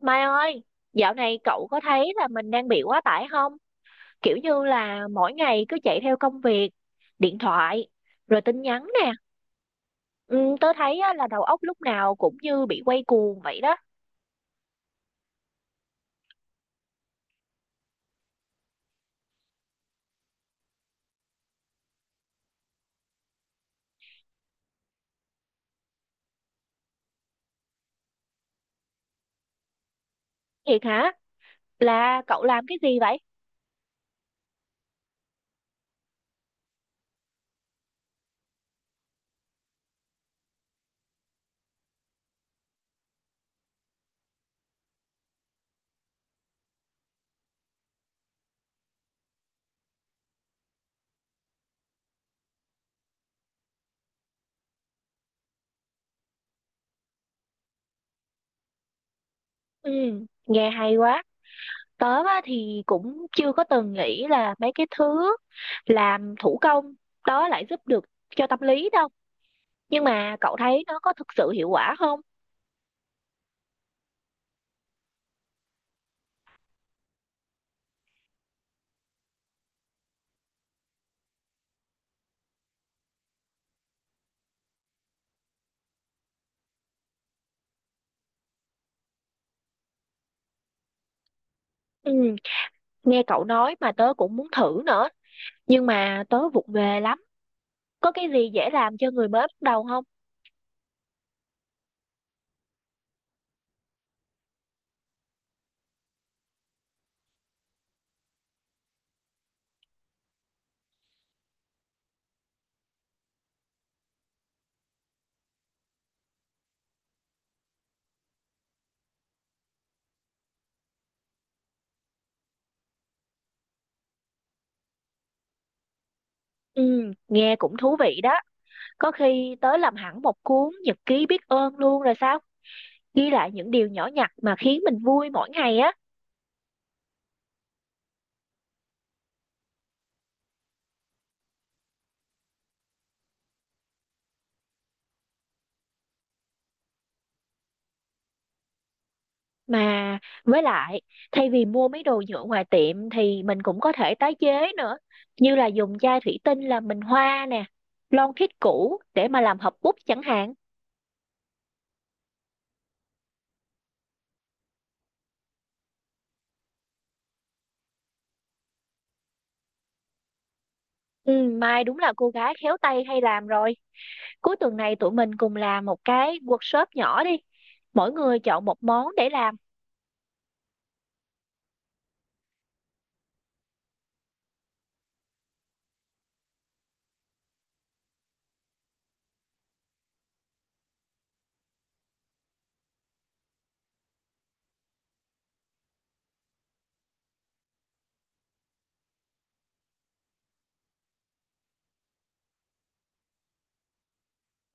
Mai ơi, dạo này cậu có thấy là mình đang bị quá tải không? Kiểu như là mỗi ngày cứ chạy theo công việc, điện thoại, rồi tin nhắn nè. Ừ, tớ thấy á, là đầu óc lúc nào cũng như bị quay cuồng vậy đó. Thiệt hả? Là cậu làm cái gì vậy? Ừ, nghe hay quá. Tớ á, thì cũng chưa có từng nghĩ là mấy cái thứ làm thủ công đó lại giúp được cho tâm lý đâu. Nhưng mà cậu thấy nó có thực sự hiệu quả không? Ừ. Nghe cậu nói mà tớ cũng muốn thử nữa, nhưng mà tớ vụng về lắm. Có cái gì dễ làm cho người mới bắt đầu không? Ừ, nghe cũng thú vị đó. Có khi tớ làm hẳn một cuốn nhật ký biết ơn luôn rồi sao? Ghi lại những điều nhỏ nhặt mà khiến mình vui mỗi ngày á. Mà với lại, thay vì mua mấy đồ nhựa ngoài tiệm thì mình cũng có thể tái chế nữa. Như là dùng chai thủy tinh làm bình hoa nè, lon thiết cũ để mà làm hộp bút chẳng hạn. Ừ, Mai đúng là cô gái khéo tay hay làm rồi. Cuối tuần này tụi mình cùng làm một cái workshop nhỏ đi. Mỗi người chọn một món để làm.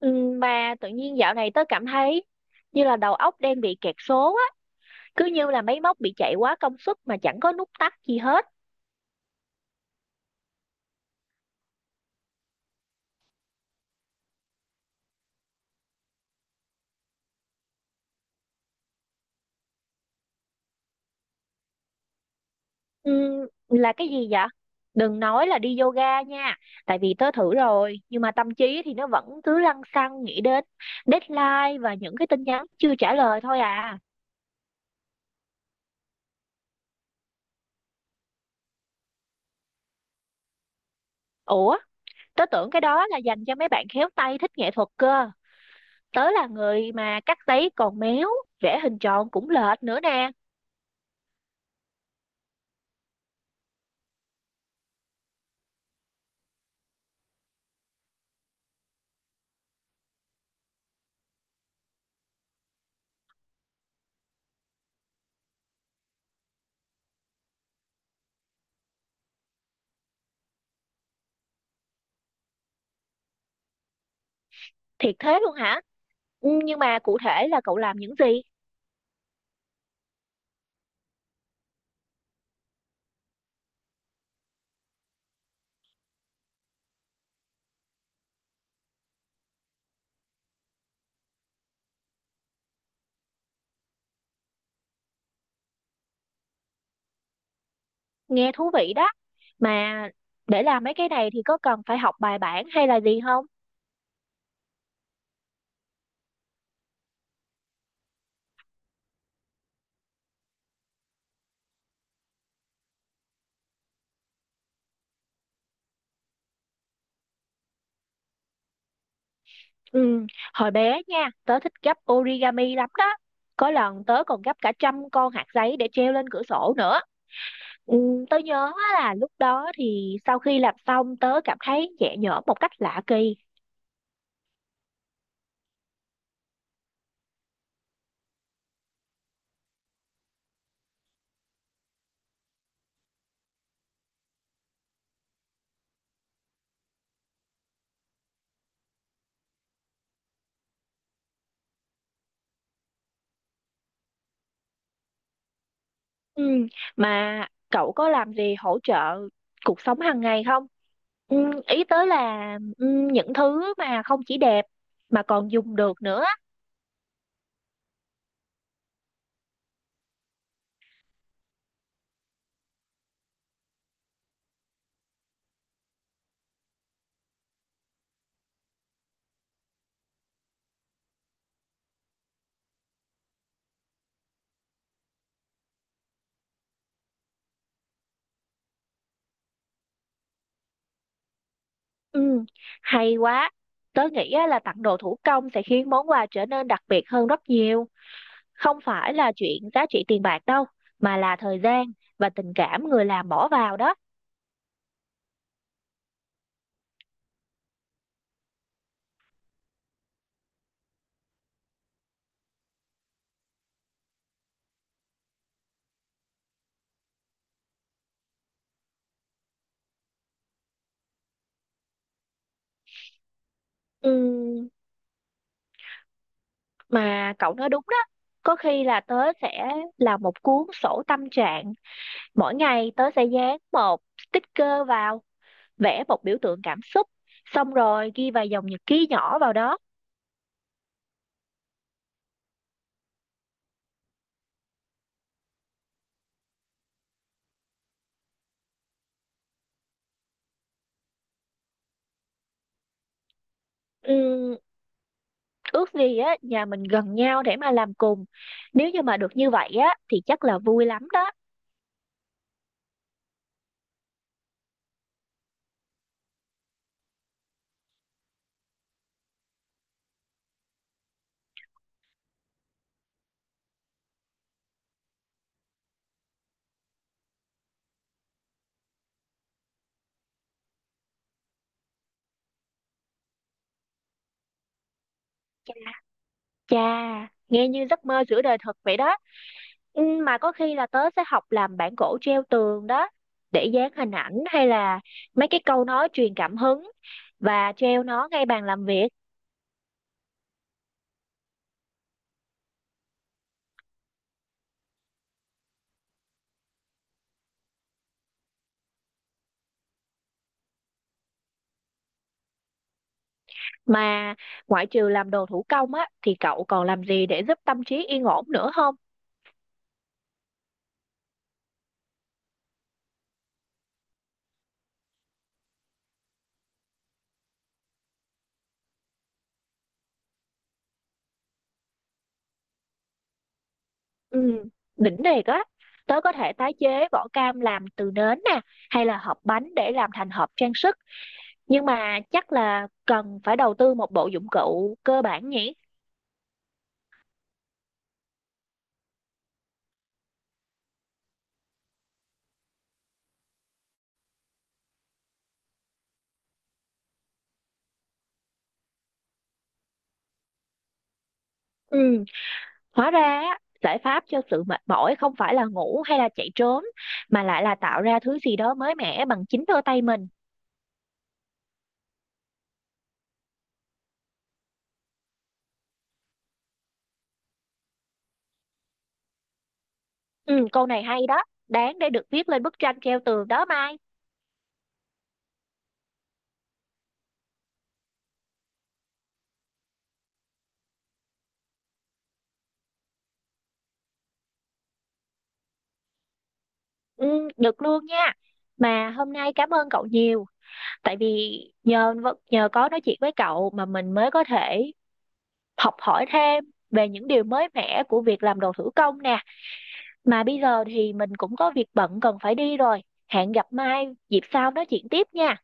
Mà tự nhiên dạo này tớ cảm thấy như là đầu óc đang bị kẹt số á. Cứ như là máy móc bị chạy quá công suất mà chẳng có nút tắt gì hết. Là cái gì vậy? Đừng nói là đi yoga nha. Tại vì tớ thử rồi. Nhưng mà tâm trí thì nó vẫn cứ lăng xăng nghĩ đến deadline và những cái tin nhắn chưa trả lời thôi à. Ủa? Tớ tưởng cái đó là dành cho mấy bạn khéo tay thích nghệ thuật cơ. Tớ là người mà cắt giấy còn méo, vẽ hình tròn cũng lệch nữa nè. Thiệt thế luôn hả? Ừ, nhưng mà cụ thể là cậu làm những gì? Nghe thú vị đó. Mà để làm mấy cái này thì có cần phải học bài bản hay là gì không? Ừ, hồi bé nha tớ thích gấp origami lắm đó. Có lần tớ còn gấp cả trăm con hạt giấy để treo lên cửa sổ nữa. Ừ, tớ nhớ là lúc đó thì sau khi làm xong tớ cảm thấy nhẹ nhõm một cách lạ kỳ. Ừ. Mà cậu có làm gì hỗ trợ cuộc sống hàng ngày không? Ừ, ý tới là ừ, những thứ mà không chỉ đẹp mà còn dùng được nữa. Ừ, hay quá. Tớ nghĩ á, là tặng đồ thủ công sẽ khiến món quà trở nên đặc biệt hơn rất nhiều. Không phải là chuyện giá trị tiền bạc đâu, mà là thời gian và tình cảm người làm bỏ vào đó. Ừ, mà cậu nói đúng đó. Có khi là tớ sẽ làm một cuốn sổ tâm trạng. Mỗi ngày tớ sẽ dán một sticker vào, vẽ một biểu tượng cảm xúc, xong rồi ghi vài dòng nhật ký nhỏ vào đó. Ừm, ước gì á nhà mình gần nhau để mà làm cùng. Nếu như mà được như vậy á thì chắc là vui lắm đó. Chà, nghe như giấc mơ giữa đời thật vậy đó. Mà có khi là tớ sẽ học làm bản gỗ treo tường đó, để dán hình ảnh hay là mấy cái câu nói truyền cảm hứng và treo nó ngay bàn làm việc. Mà ngoại trừ làm đồ thủ công á thì cậu còn làm gì để giúp tâm trí yên ổn nữa không? Ừ, đỉnh thiệt á. Tớ có thể tái chế vỏ cam làm từ nến nè, hay là hộp bánh để làm thành hộp trang sức. Nhưng mà chắc là cần phải đầu tư một bộ dụng cụ cơ bản nhỉ? Ừ, hóa ra á, giải pháp cho sự mệt mỏi không phải là ngủ hay là chạy trốn, mà lại là tạo ra thứ gì đó mới mẻ bằng chính đôi tay mình. Ừ, câu này hay đó, đáng để được viết lên bức tranh treo tường đó Mai. Ừ, được luôn nha. Mà hôm nay cảm ơn cậu nhiều, tại vì nhờ có nói chuyện với cậu mà mình mới có thể học hỏi thêm về những điều mới mẻ của việc làm đồ thủ công nè. Mà bây giờ thì mình cũng có việc bận cần phải đi rồi. Hẹn gặp mai dịp sau nói chuyện tiếp nha.